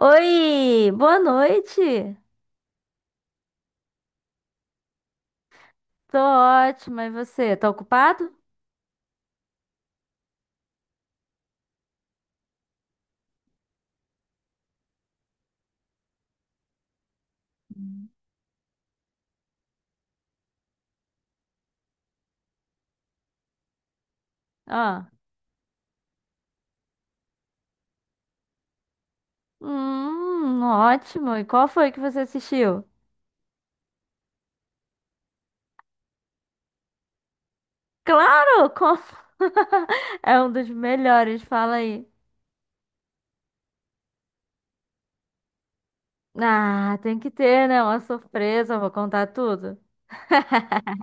Oi, boa noite. Tô ótima, e você? Tá ocupado? Hum. Ah, ótimo. E qual foi que você assistiu? Claro, com- é um dos melhores, fala aí. Ah, tem que ter, né? Uma surpresa, eu vou contar tudo.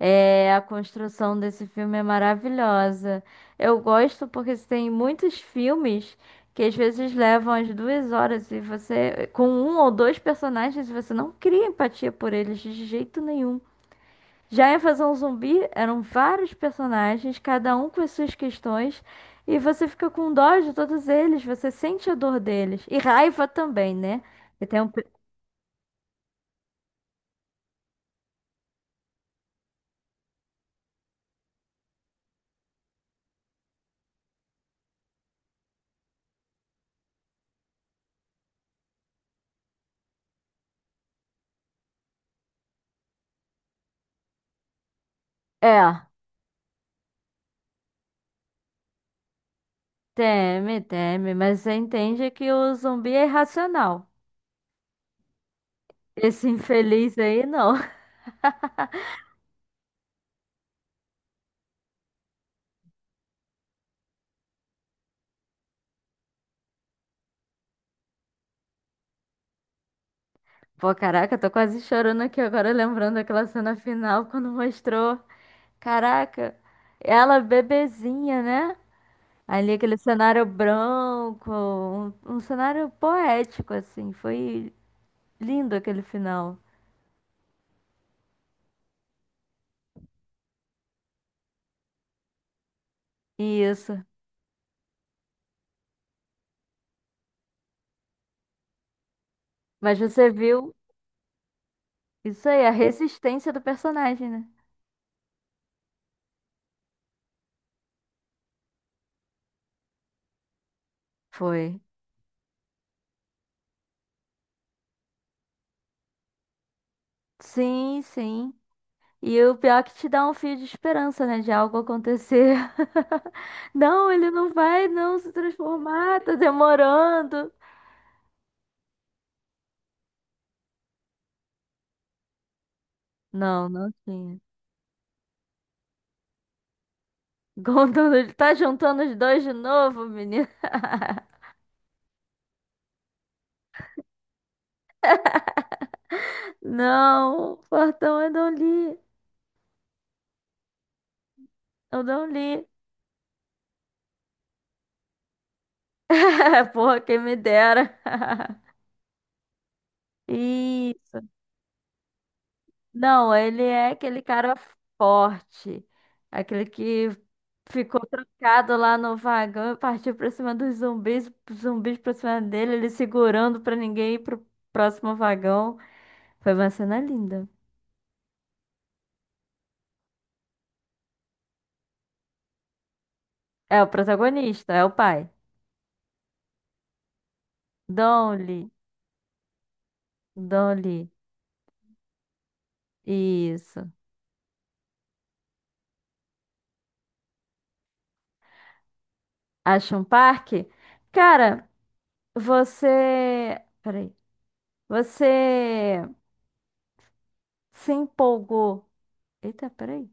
É, a construção desse filme é maravilhosa. Eu gosto porque tem muitos filmes que às vezes levam as duas horas e você, com um ou dois personagens, você não cria empatia por eles de jeito nenhum. Já em Invasão Zumbi eram vários personagens, cada um com as suas questões, e você fica com dó de todos eles, você sente a dor deles. E raiva também, né? E tem um... pe- É, teme, teme, mas você entende que o zumbi é irracional. Esse infeliz aí, não. Pô, caraca, eu tô quase chorando aqui agora, lembrando daquela cena final quando mostrou. Caraca, ela bebezinha, né? Ali aquele cenário branco, um cenário poético, assim. Foi lindo aquele final. Isso. Mas você viu isso aí, a resistência do personagem, né? Foi. Sim, sim. E o pior é que te dá um fio de esperança, né? De algo acontecer. Não, ele não vai não se transformar, tá demorando. Não, não tinha. Contando, ele tá juntando os dois de novo, menina. Não, Fortão, eu não li. Eu não li. Porra, quem me dera. Isso. Não, ele é aquele cara forte, aquele que ficou trancado lá no vagão e partiu pra cima dos zumbis, zumbis pra cima dele, ele segurando pra ninguém ir pro próximo vagão. Foi uma cena linda. É o protagonista, é o pai. Donnie, Donnie, isso. Acha um parque? Cara, você. Peraí. Você se empolgou. Eita, peraí.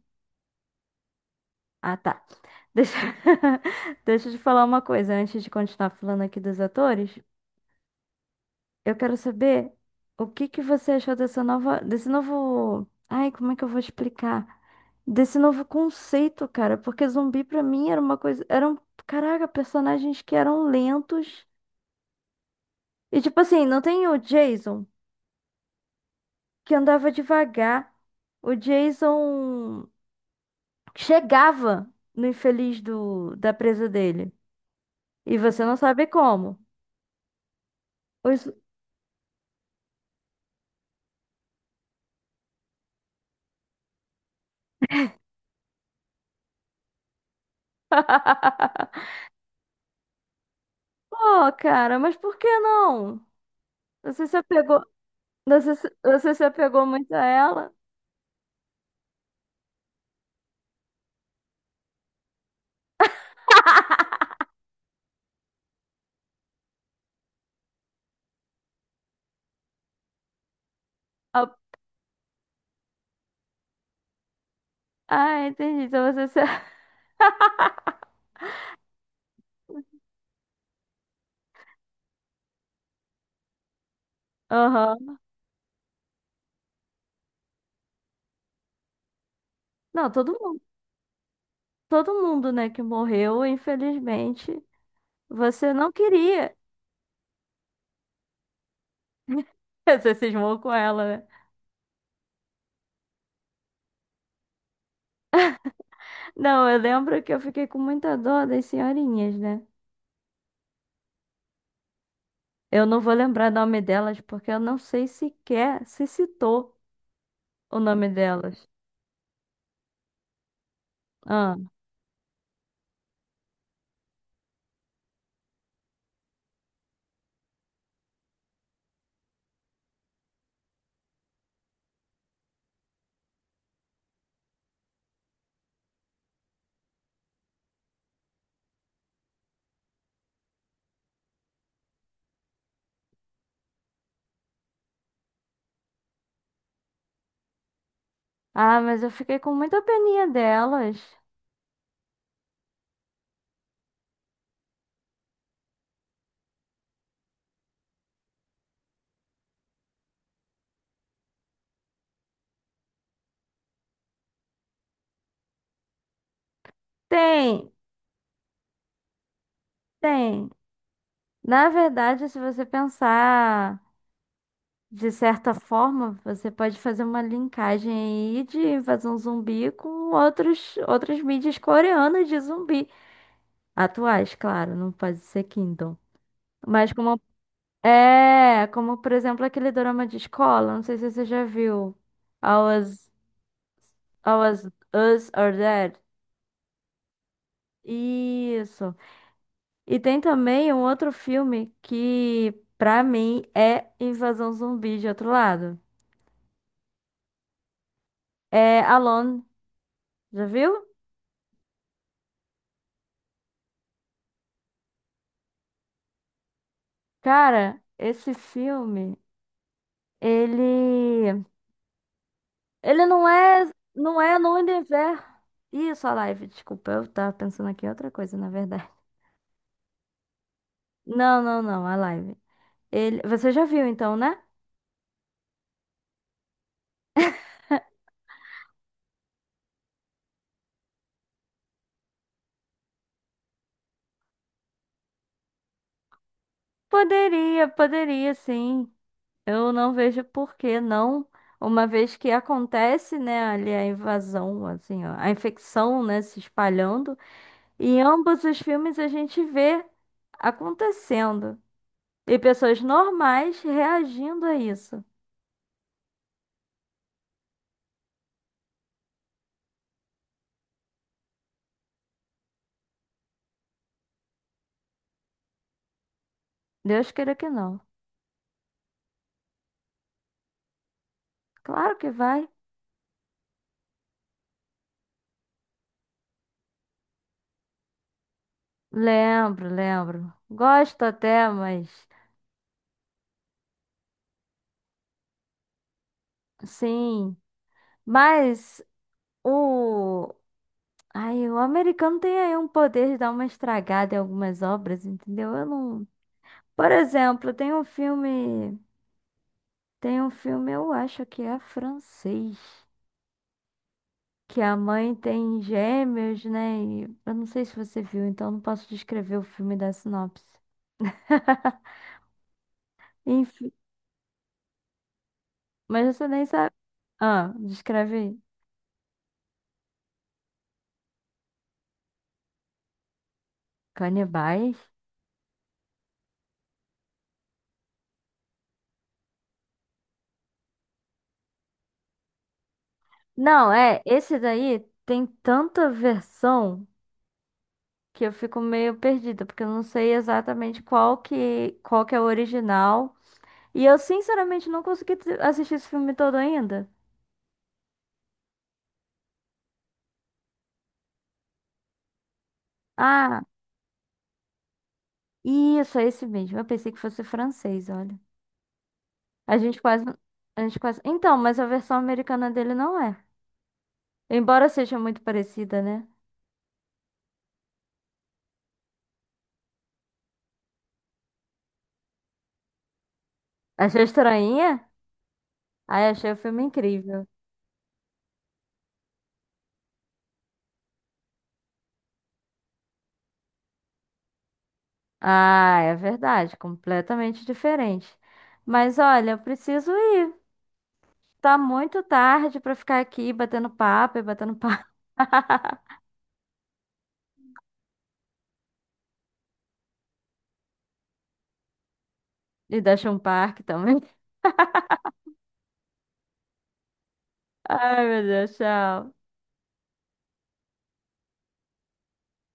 Ah, tá. Deixa... Deixa eu te falar uma coisa antes de continuar falando aqui dos atores. Eu quero saber o que que você achou dessa nova, desse novo, ai, como é que eu vou explicar? Desse novo conceito, cara, porque zumbi pra mim era uma coisa, eram, caraca, personagens que eram lentos. E tipo assim, não tem o Jason que andava devagar. O Jason chegava no infeliz do da presa dele. E você não sabe como. Os Pô, cara, mas por que não? Você se apegou, você, você se apegou muito a ela? Ah, ah, entendi. Então você se... Aham. Não, todo mundo, né, que morreu, infelizmente, você não queria. Você cismou com ela, né? Não, eu lembro que eu fiquei com muita dor das senhorinhas, né? Eu não vou lembrar o nome delas porque eu não sei sequer se citou o nome delas. Ah, ah, mas eu fiquei com muita peninha delas. Tem. Tem. Na verdade, se você pensar de certa forma, você pode fazer uma linkagem aí de invasão zumbi com outras mídias coreanas de zumbi. Atuais, claro, não pode ser Kingdom. Mas como é, como por exemplo aquele drama de escola, não sei se você já viu. All Us, All Us, Us Are Dead. Isso. E tem também um outro filme que, pra mim, é Invasão Zumbi de outro lado. É Alone, já viu? Cara, esse filme, ele ele não é não é no universo. Isso, a live, desculpa, eu tava pensando aqui em outra coisa, na verdade. Não, não, não, a live. Ele, você já viu então, né? Poderia, poderia sim. Eu não vejo por que não, uma vez que acontece, né, ali a invasão, assim, ó, a infecção, né, se espalhando. E em ambos os filmes a gente vê acontecendo. E pessoas normais reagindo a isso. Deus queira que não. Claro que vai. Lembro, lembro. Gosto até, mas. Sim. Mas o. Ai, o americano tem aí um poder de dar uma estragada em algumas obras, entendeu? Eu não. Por exemplo, tem um filme. Tem um filme, eu acho que é francês. Que a mãe tem gêmeos, né? E eu não sei se você viu, então não posso descrever o filme da sinopse. Enfim, mas você nem sabe. Ah, descreve aí. Canibais? Não, é, esse daí tem tanta versão que eu fico meio perdida, porque eu não sei exatamente qual que é o original. E eu, sinceramente, não consegui t- assistir esse filme todo ainda. Ah, isso, é esse mesmo. Eu pensei que fosse francês, olha. A gente quase, a gente quase... Então, mas a versão americana dele não é. Embora seja muito parecida, né? Achei estranha? Ai, achei o filme incrível. Ah, é verdade, completamente diferente. Mas olha, eu preciso ir. Tá muito tarde pra ficar aqui batendo papo e batendo papo. E da um parque também. Ai, meu Deus, tchau.